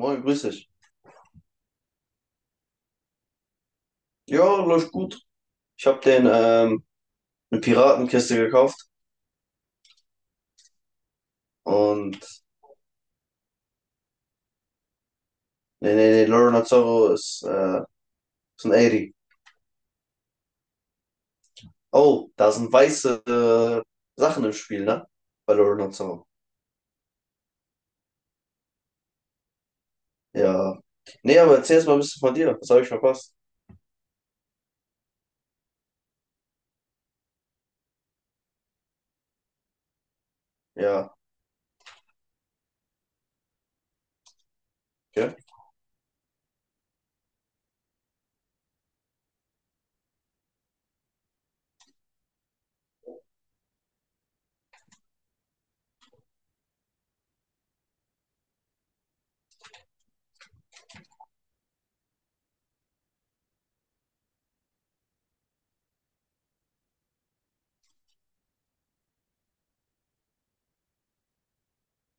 Moin, grüß dich. Ja, läuft gut. Ich habe den eine Piratenkiste gekauft und nee, nee, nee, Lorna Zorro ist ein 80. Oh, da sind weiße Sachen im Spiel, ne? Bei Lorna Zorro. Ja. Nee, aber erzähl erst mal ein bisschen von dir. Was habe ich verpasst? Ja, okay.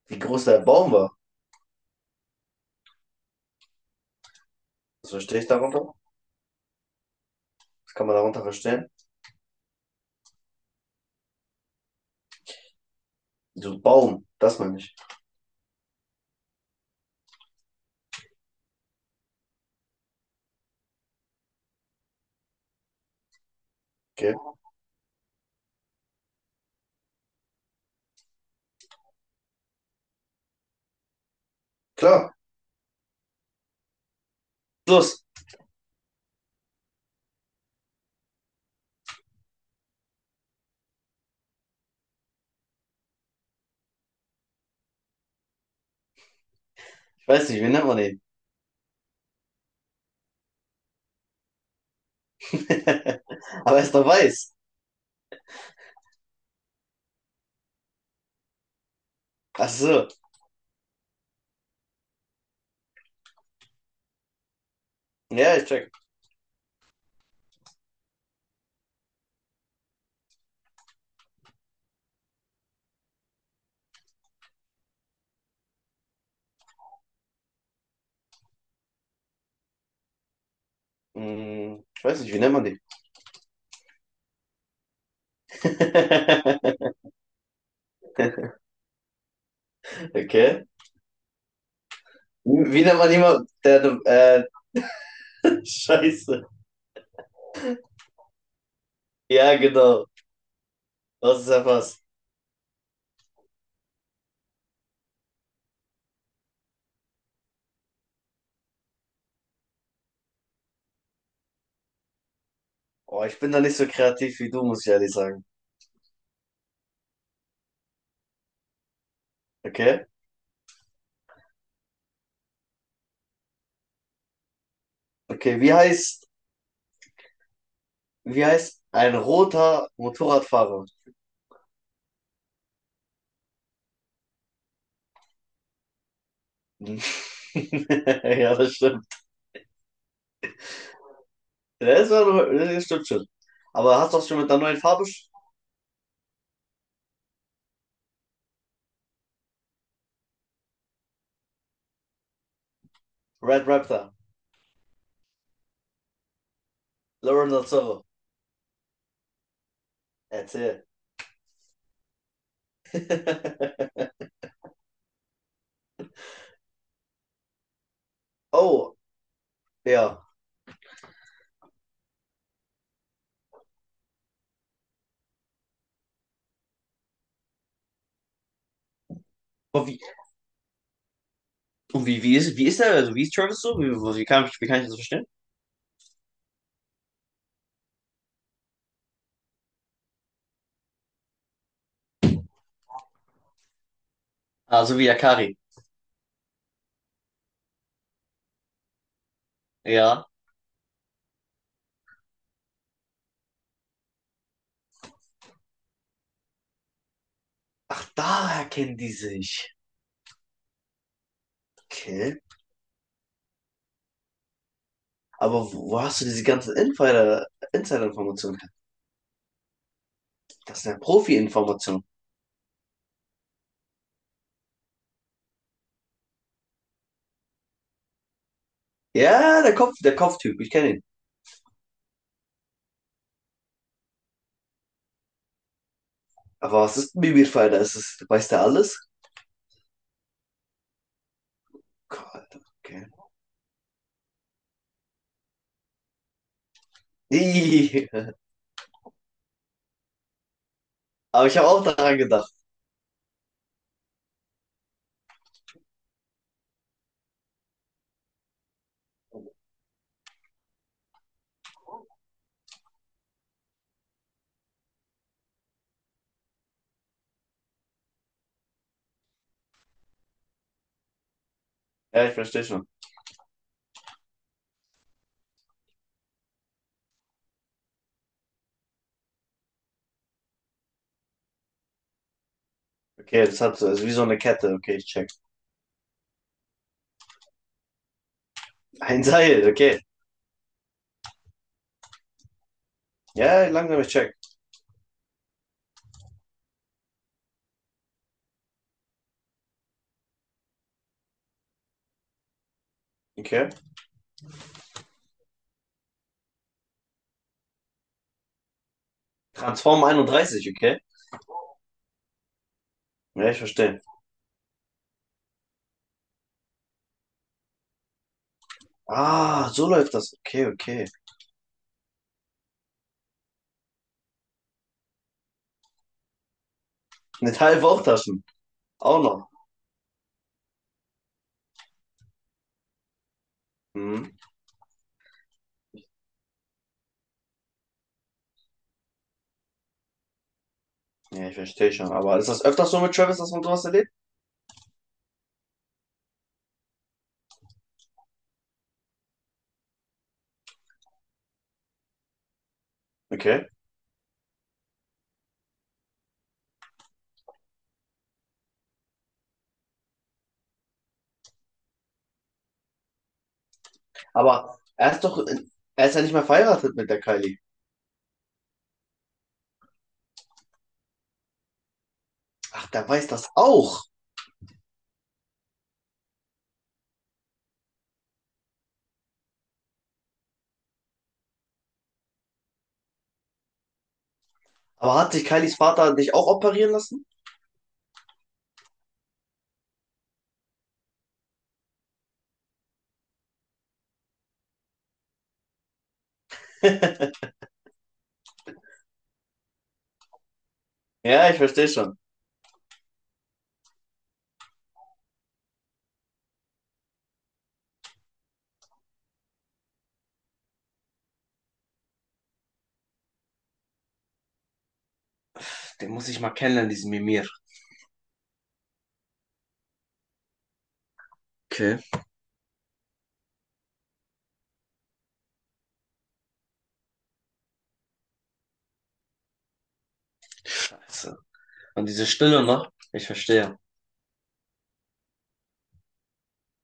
Wie groß der Baum war. Was verstehe ich darunter? Was kann man darunter verstehen? So Baum, das meine ich. Okay. Klar. Los. Ich weiß nicht, wie nennt man den? Aber er ist doch weiß. Ach so. Ja, ich check. Hm, ich weiß nicht, wie nennt man die? Okay. Wie nennt man jemanden, Scheiße. Ja, genau. Das ist ja was. Oh, ich bin da nicht so kreativ wie du, muss ich ehrlich sagen. Okay? Okay, wie heißt ein roter Motorradfahrer? Hm. Ja, das stimmt. Ja, das stimmt schon. Aber hast du auch schon mit der neuen Farbe? Red Raptor. Lauren Lazaro. Erzähl. Oh, ja. Und wie ist er, also wie ist Travis so? Wie kann ich das verstehen? Ah, so wie Yakari. Ja. Ach, daher kennen die sich. Okay. Aber wo hast du diese ganzen Insider-Informationen her? Das sind ja Profi-Informationen. Ja, der Kopf, der Kopftyp, ich kenne ihn. Aber was ist ein Bibirfighter? Ist es, weiß der alles? Gott, okay. Ih, aber ich habe auch daran gedacht. Ja, ich verstehe schon. Okay, das hat so, ist wie so eine Kette. Okay, ich check. Ein Seil, okay. Ja, langsam, ich check. Okay. Transform einunddreißig, okay. Ja, ich verstehe. Ah, so läuft das. Okay, okay. Mit halben Bauchtaschen. Auch noch. Hm. Ja, ich verstehe schon. Aber ist das öfters so mit Travis, dass man sowas erlebt? Okay. Aber er ist ja nicht mehr verheiratet mit der Kylie. Ach, der weiß das auch. Aber hat sich Kylies Vater nicht auch operieren lassen? Ja, ich verstehe schon. Den muss ich mal kennenlernen, diesen Mimir. Okay. Scheiße. Und diese Stille noch? Ich verstehe.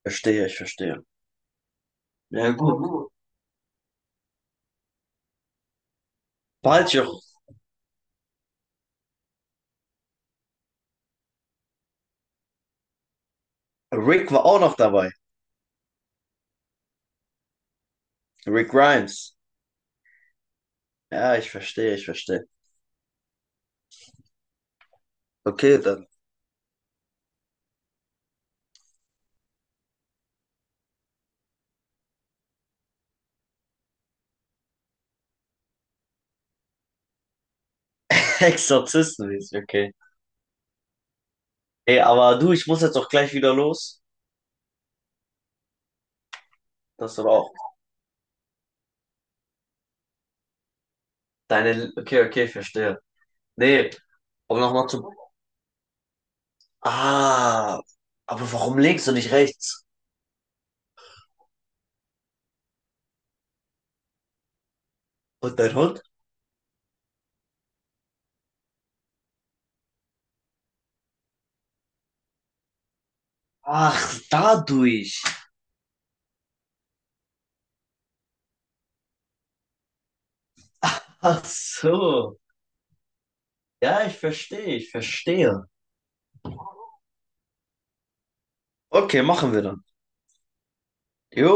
Verstehe, ich verstehe. Ja, gut. Bald, Joch. Rick war auch noch dabei. Rick Grimes. Ja, ich verstehe. Okay, dann Exorzisten, okay. Ey, aber du, ich muss jetzt auch gleich wieder los. Das aber auch. Deine, okay, okay, ich verstehe. Nee, um nochmal zu. Ah, aber warum links und nicht rechts? Und dein Hund? Ach, dadurch. Ach so. Ja, ich verstehe. Okay, machen wir dann. Jo.